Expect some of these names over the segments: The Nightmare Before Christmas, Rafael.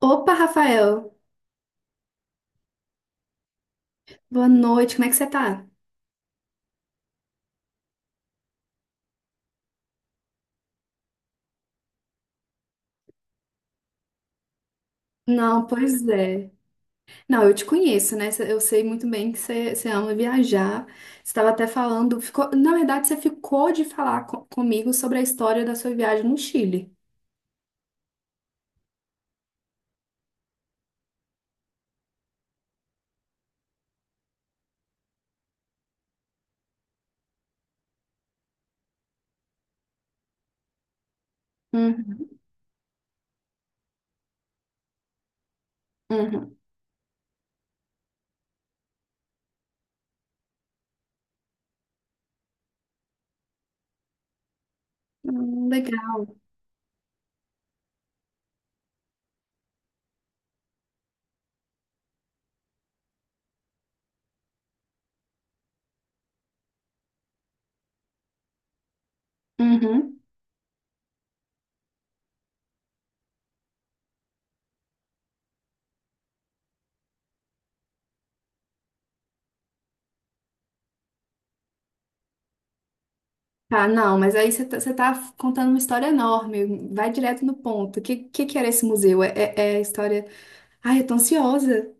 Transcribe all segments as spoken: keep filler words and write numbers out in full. Opa, Rafael, boa noite, como é que você tá? Não, pois é. Não, eu te conheço, né? Eu sei muito bem que você, você ama viajar. Você estava até falando, ficou, na verdade, você ficou de falar co- comigo sobre a história da sua viagem no Chile. Uhum, uhum. Hum, legal. Uhum. Tá, não, mas aí você tá, você tá contando uma história enorme. Vai direto no ponto. O que, que, que era esse museu? É, é, é a história. Ai, eu tô ansiosa.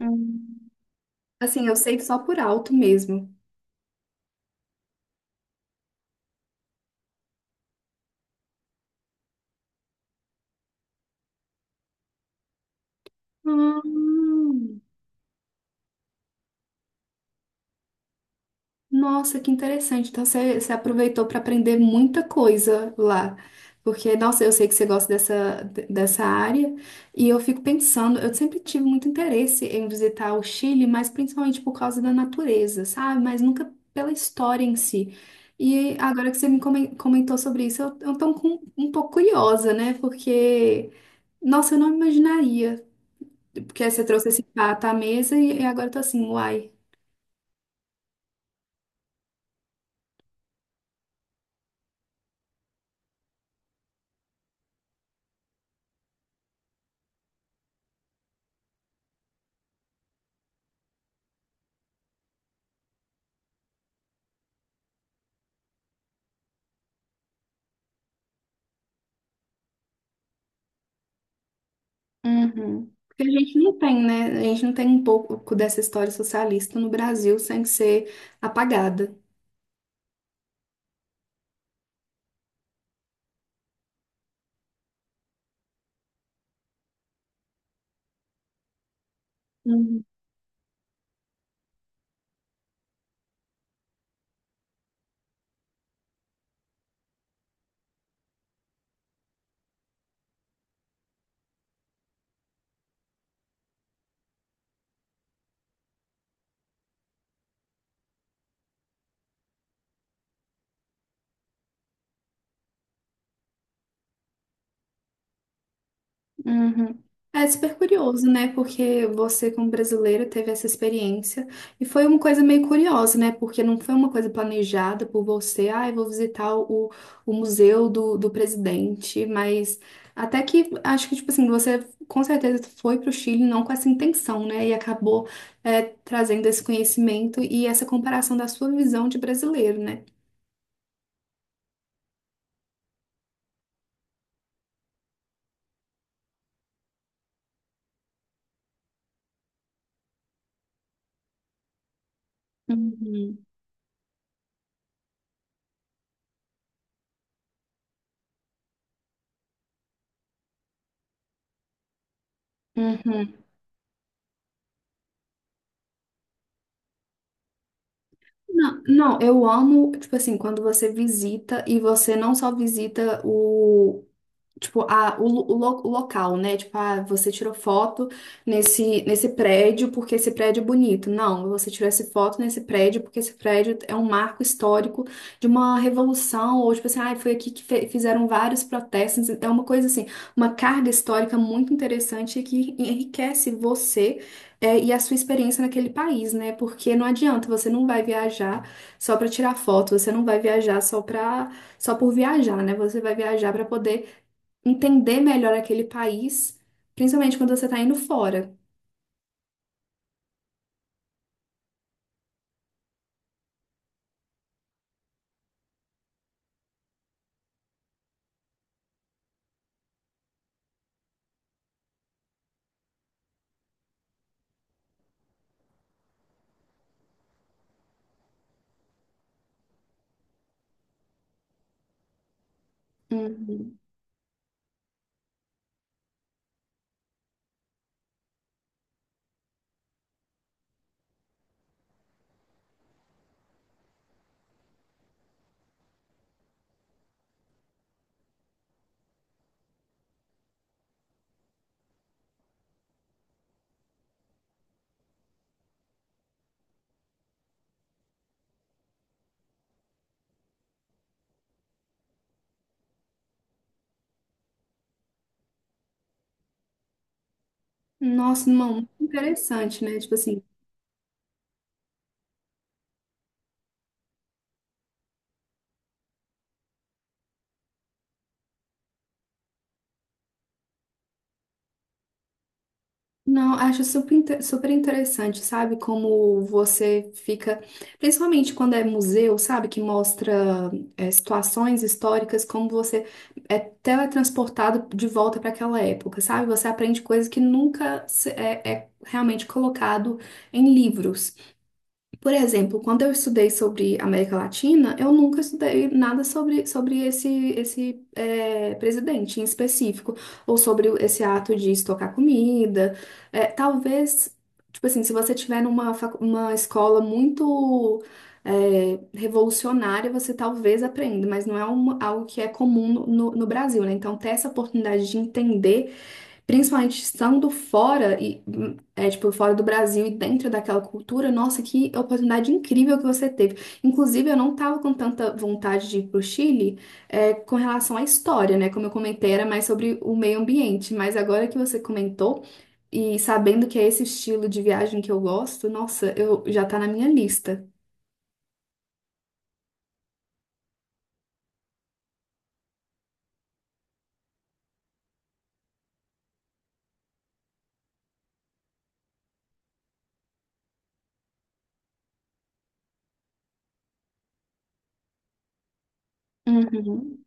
Hum. Assim, eu sei só por alto mesmo. Hum. Nossa, que interessante. Então você, você aproveitou para aprender muita coisa lá. Porque, nossa, eu sei que você gosta dessa, dessa área. E eu fico pensando, eu sempre tive muito interesse em visitar o Chile, mas principalmente por causa da natureza, sabe? Mas nunca pela história em si. E agora que você me comen- comentou sobre isso, eu, eu tô um com- um pouco curiosa, né? Porque, nossa, eu não imaginaria. Porque aí você trouxe esse prato à mesa e, e agora eu tô assim, uai. Uhum. Porque a gente não tem, né? A gente não tem um pouco dessa história socialista no Brasil sem ser apagada. Uhum. É super curioso, né? Porque você, como brasileiro, teve essa experiência e foi uma coisa meio curiosa, né? Porque não foi uma coisa planejada por você, ah, eu vou visitar o, o museu do, do presidente, mas até que acho que, tipo assim, você com certeza foi para o Chile não com essa intenção, né? E acabou é, trazendo esse conhecimento e essa comparação da sua visão de brasileiro, né? Uhum. Uhum. Não, não, eu amo, tipo assim, quando você visita e você não só visita o. Tipo, a, o, lo- o lo- o local, né? Tipo, ah, você tirou foto nesse, nesse prédio porque esse prédio é bonito. Não, você tirou essa foto nesse prédio porque esse prédio é um marco histórico de uma revolução, ou tipo assim, ah, foi aqui que fe- fizeram vários protestos. É uma coisa assim, uma carga histórica muito interessante que enriquece você, é, e a sua experiência naquele país, né? Porque não adianta, você não vai viajar só para tirar foto, você não vai viajar só para só por viajar, né? Você vai viajar para poder entender melhor aquele país, principalmente quando você está indo fora. Uhum. Nossa, não, muito interessante, né? Tipo assim, não, acho super, inte- super interessante, sabe? Como você fica, principalmente quando é museu, sabe? Que mostra é, situações históricas, como você é teletransportado de volta para aquela época, sabe? Você aprende coisas que nunca se- é, é realmente colocado em livros. Por exemplo, quando eu estudei sobre América Latina, eu nunca estudei nada sobre, sobre esse, esse eh, presidente em específico, ou sobre o- esse ato de estocar comida. Eh, talvez, tipo assim, se você tiver numa facu- uma escola muito eh, revolucionária, você talvez aprenda, mas não é uma- algo que é comum no, no no Brasil, né? Então, ter essa oportunidade de entender. Principalmente estando fora e hum, é tipo fora do Brasil e dentro daquela cultura, nossa, que oportunidade incrível que você teve. Inclusive, eu não tava com tanta vontade de ir pro Chile, é, com relação à história, né? Como eu comentei, era mais sobre o meio ambiente, mas agora que você comentou e sabendo que é esse estilo de viagem que eu gosto, nossa, eu já tá na minha lista. Uhum,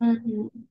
uhum,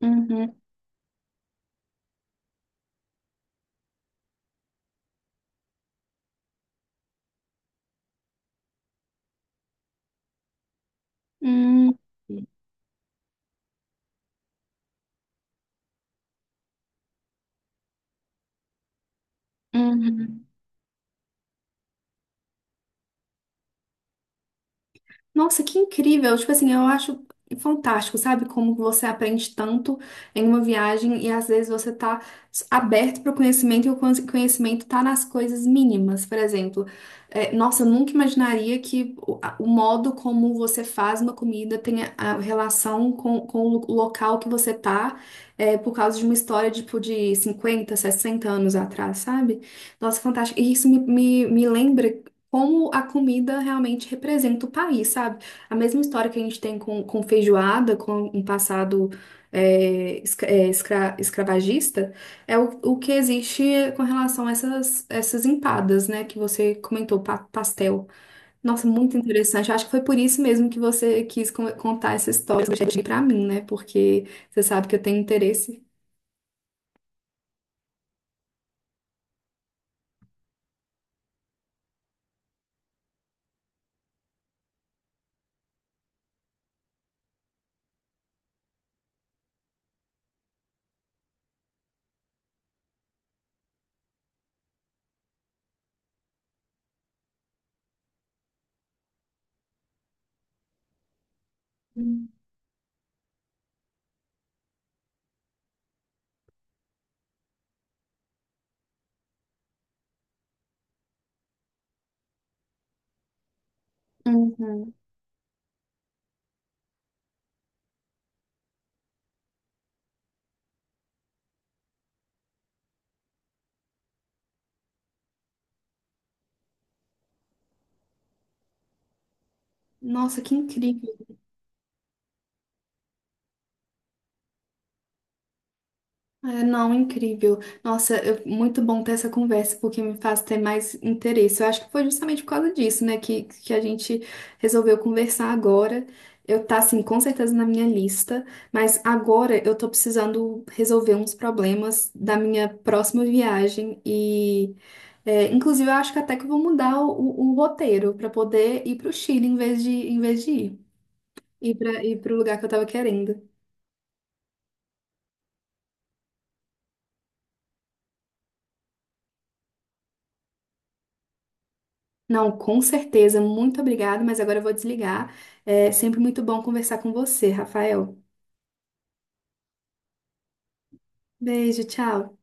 uhum, uhum, uhum. Nossa, que incrível! Tipo assim, eu acho fantástico, sabe? Como você aprende tanto em uma viagem e às vezes você tá aberto para o conhecimento e o conhe- conhecimento tá nas coisas mínimas. Por exemplo, é, nossa, eu nunca imaginaria que o, a- o modo como você faz uma comida tenha a relação com, com o lo- local que você tá, é, por causa de uma história tipo de cinquenta sessenta anos atrás, sabe? Nossa, fantástico. E isso me, me, me lembra como a comida realmente representa o país, sabe? A mesma história que a gente tem com, com feijoada, com um passado é, escra- é, escra- escravagista, é o, o que existe com relação a essas, essas empadas, né? Que você comentou, pa- pastel. Nossa, muito interessante. Eu acho que foi por isso mesmo que você quis con- contar essa história para mim, né? Porque você sabe que eu tenho interesse. Uhum. Nossa, que incrível. É, não, incrível. Nossa, eu- muito bom ter essa conversa, porque me faz ter mais interesse. Eu acho que foi justamente por causa disso, né, que, que a gente resolveu conversar agora. Eu tá, assim, com certeza na minha lista, mas agora eu tô precisando resolver uns problemas da minha próxima viagem e, é, inclusive, eu acho que até que eu vou mudar o, o roteiro para poder ir pro Chile em vez de, em vez de ir, ir para ir pro lugar que eu tava querendo. Não, com certeza. Muito obrigada, mas agora eu vou desligar. É sempre muito bom conversar com você, Rafael. Beijo, tchau.